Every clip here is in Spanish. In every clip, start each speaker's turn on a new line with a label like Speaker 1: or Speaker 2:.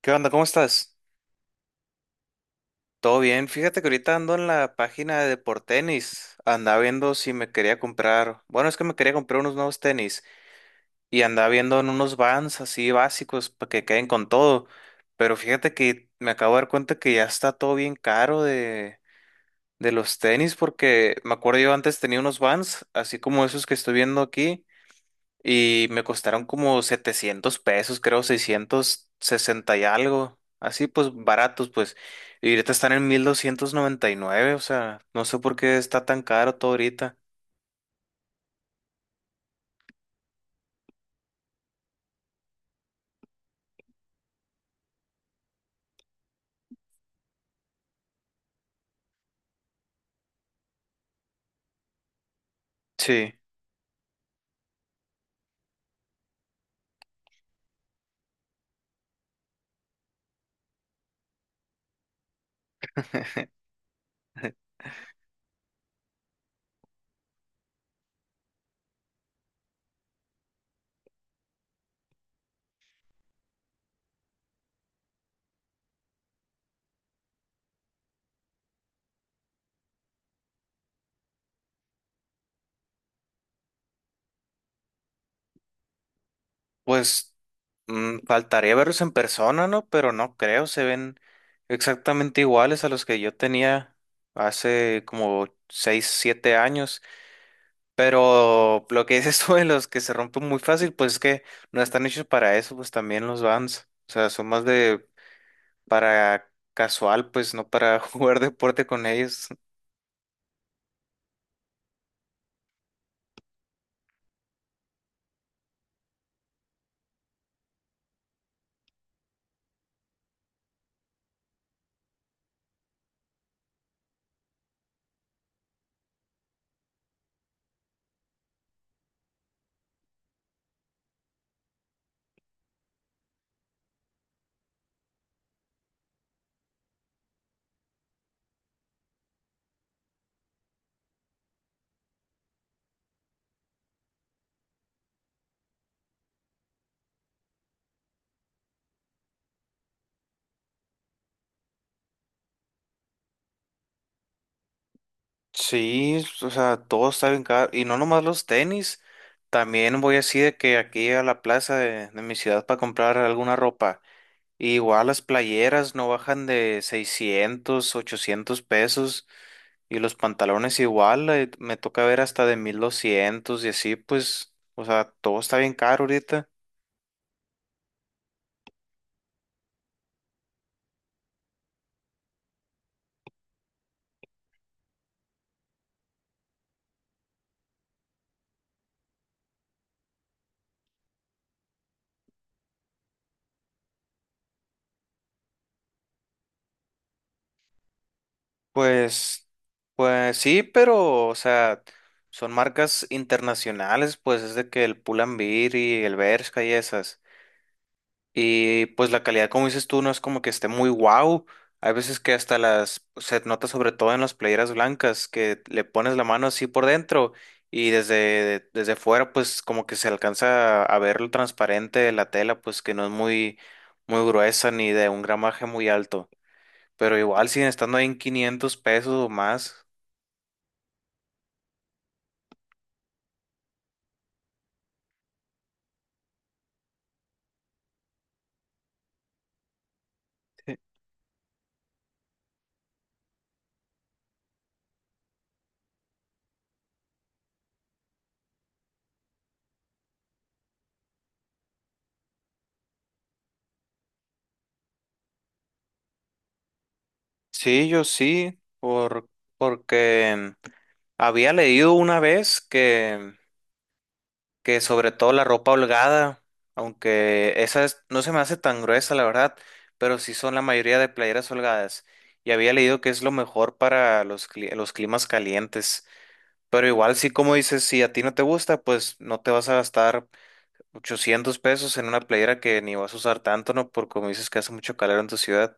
Speaker 1: ¿Qué onda? ¿Cómo estás? Todo bien. Fíjate que ahorita ando en la página de por tenis. Andaba viendo si me quería comprar. Bueno, es que me quería comprar unos nuevos tenis. Y andaba viendo en unos Vans así básicos para que queden con todo. Pero fíjate que me acabo de dar cuenta que ya está todo bien caro de los tenis. Porque me acuerdo yo antes tenía unos Vans, así como esos que estoy viendo aquí. Y me costaron como 700 pesos, creo 660 y algo. Así pues baratos, pues. Y ahorita están en 1,299, o sea, no sé por qué está tan caro todo ahorita. Sí, pues faltaría verlos en persona, ¿no? Pero no creo, se ven exactamente iguales a los que yo tenía hace como 6 7 años. Pero lo que dices tú de los que se rompen muy fácil, pues es que no están hechos para eso, pues también los vans. O sea, son más de para casual, pues no para jugar deporte con ellos. Sí, o sea, todo está bien caro. Y no nomás los tenis. También voy así de que aquí a la plaza de mi ciudad para comprar alguna ropa. Igual las playeras no bajan de 600 800 pesos y los pantalones igual, me toca ver hasta de 1,200 y así, pues, o sea, todo está bien caro ahorita. Pues, pues sí, pero, o sea, son marcas internacionales, pues es de que el Pull&Bear y el Bershka y esas. Y pues la calidad, como dices tú, no es como que esté muy guau. Hay veces que hasta las se nota sobre todo en las playeras blancas que le pones la mano así por dentro y desde fuera pues como que se alcanza a ver lo transparente de la tela pues que no es muy muy gruesa ni de un gramaje muy alto, pero igual siguen estando ahí en 500 pesos o más. Sí. Sí, yo sí, porque había leído una vez que sobre todo la ropa holgada, aunque no se me hace tan gruesa, la verdad, pero sí son la mayoría de playeras holgadas. Y había leído que es lo mejor para los climas calientes. Pero igual, sí, como dices, si a ti no te gusta, pues no te vas a gastar 800 pesos en una playera que ni vas a usar tanto, ¿no? Por como dices que hace mucho calor en tu ciudad.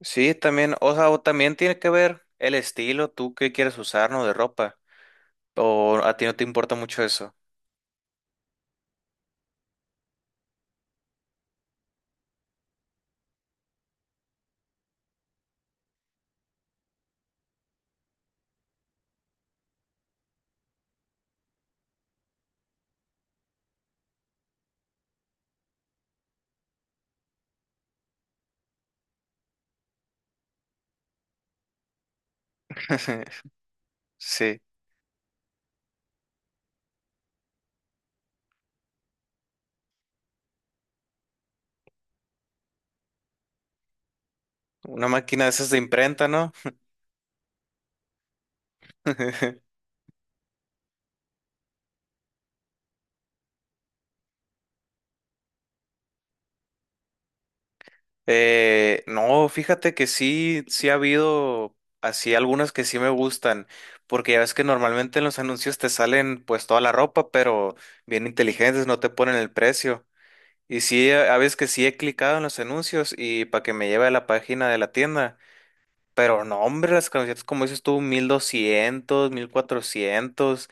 Speaker 1: Sí, también, o sea, o también tiene que ver el estilo, tú qué quieres usar, ¿no? De ropa. O a ti no te importa mucho eso. Sí. Una máquina de esas de imprenta, ¿no? No, fíjate que sí, sí ha habido así algunas que sí me gustan, porque ya ves que normalmente en los anuncios te salen pues toda la ropa, pero bien inteligentes, no te ponen el precio. Y sí, a veces que sí he clicado en los anuncios y para que me lleve a la página de la tienda. Pero no, hombre, las camisetas, como dices tú, 1,200, 1,400.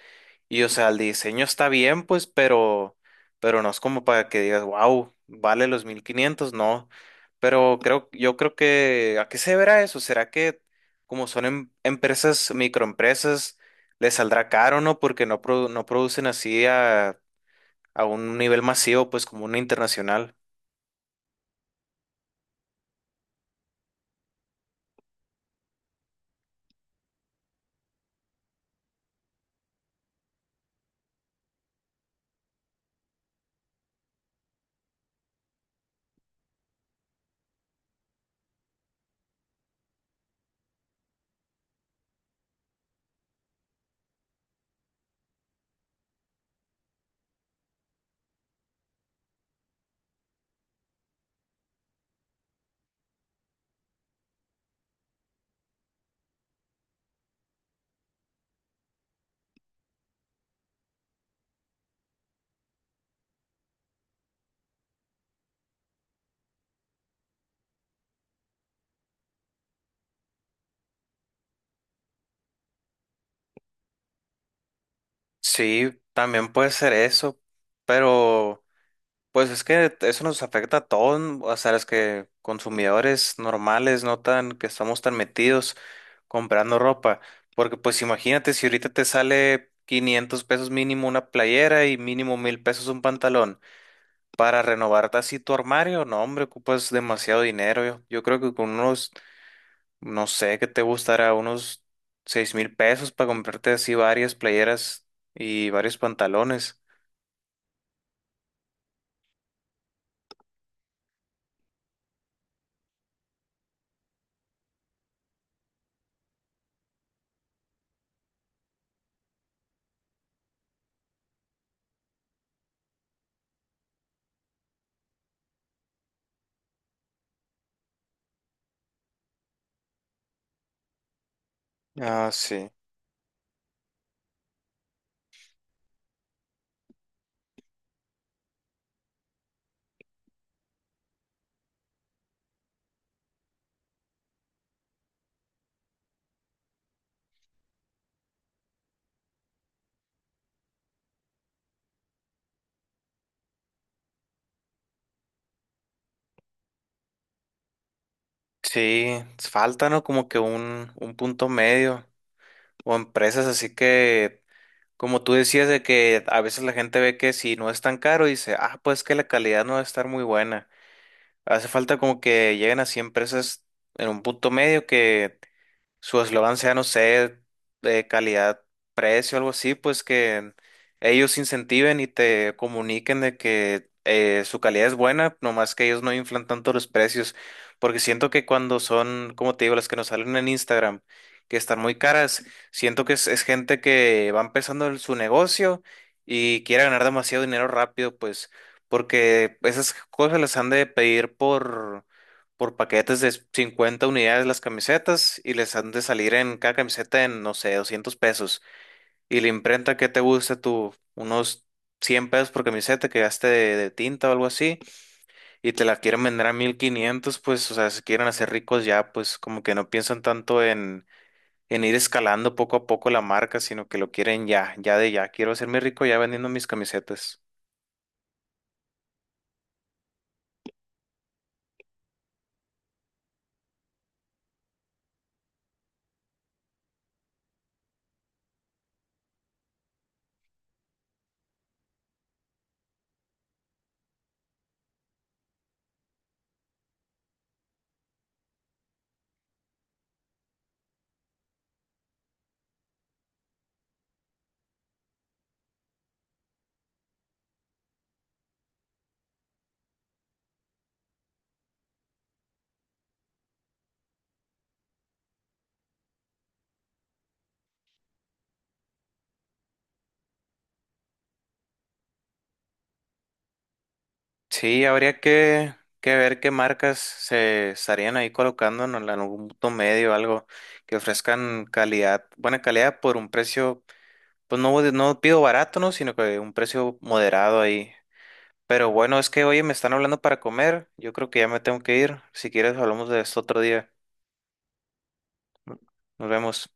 Speaker 1: Y o sea, el diseño está bien, pues, pero no es como para que digas, wow, vale los 1,500 no. Pero yo creo que, ¿a qué se verá eso? ¿Será que como son empresas, microempresas, les saldrá caro, no? Porque no, no producen así a un nivel masivo, pues, como una internacional. Sí, también puede ser eso, pero. Pues es que eso nos afecta a todos, o sea, los que consumidores normales, no tan que estamos tan metidos comprando ropa, porque pues imagínate si ahorita te sale 500 pesos mínimo una playera y mínimo 1,000 pesos un pantalón para renovar así tu armario, no hombre, ocupas demasiado dinero. Yo creo que con unos, no sé, que te gustará unos 6,000 pesos para comprarte así varias playeras y varios pantalones. Ah, sí. Sí, falta, ¿no? Como que un punto medio. O empresas así que, como tú decías, de que a veces la gente ve que si no es tan caro, dice, ah, pues que la calidad no va a estar muy buena. Hace falta como que lleguen así empresas en un punto medio que su eslogan sea, no sé, de calidad, precio, algo así, pues que ellos incentiven y te comuniquen de que su calidad es buena, nomás que ellos no inflan tanto los precios, porque siento que cuando son, como te digo, las que nos salen en Instagram, que están muy caras, siento que es gente que va empezando en su negocio y quiere ganar demasiado dinero rápido, pues, porque esas cosas las han de pedir por paquetes de 50 unidades las camisetas y les han de salir en cada camiseta en, no sé, 200 pesos. Y la imprenta que te guste tú, unos 100 pesos por camiseta que gaste de tinta o algo así, y te la quieren vender a 1,500 pues, o sea, se quieren hacer ricos ya, pues como que no piensan tanto en ir escalando poco a poco la marca, sino que lo quieren ya, ya de ya. Quiero hacerme rico ya vendiendo mis camisetas. Sí, habría que ver qué marcas se estarían ahí colocando en algún punto medio, algo que ofrezcan calidad, buena calidad por un precio, pues no, no pido barato, ¿no? Sino que un precio moderado ahí. Pero bueno, es que oye, me están hablando para comer, yo creo que ya me tengo que ir. Si quieres, hablamos de esto otro día. Nos vemos.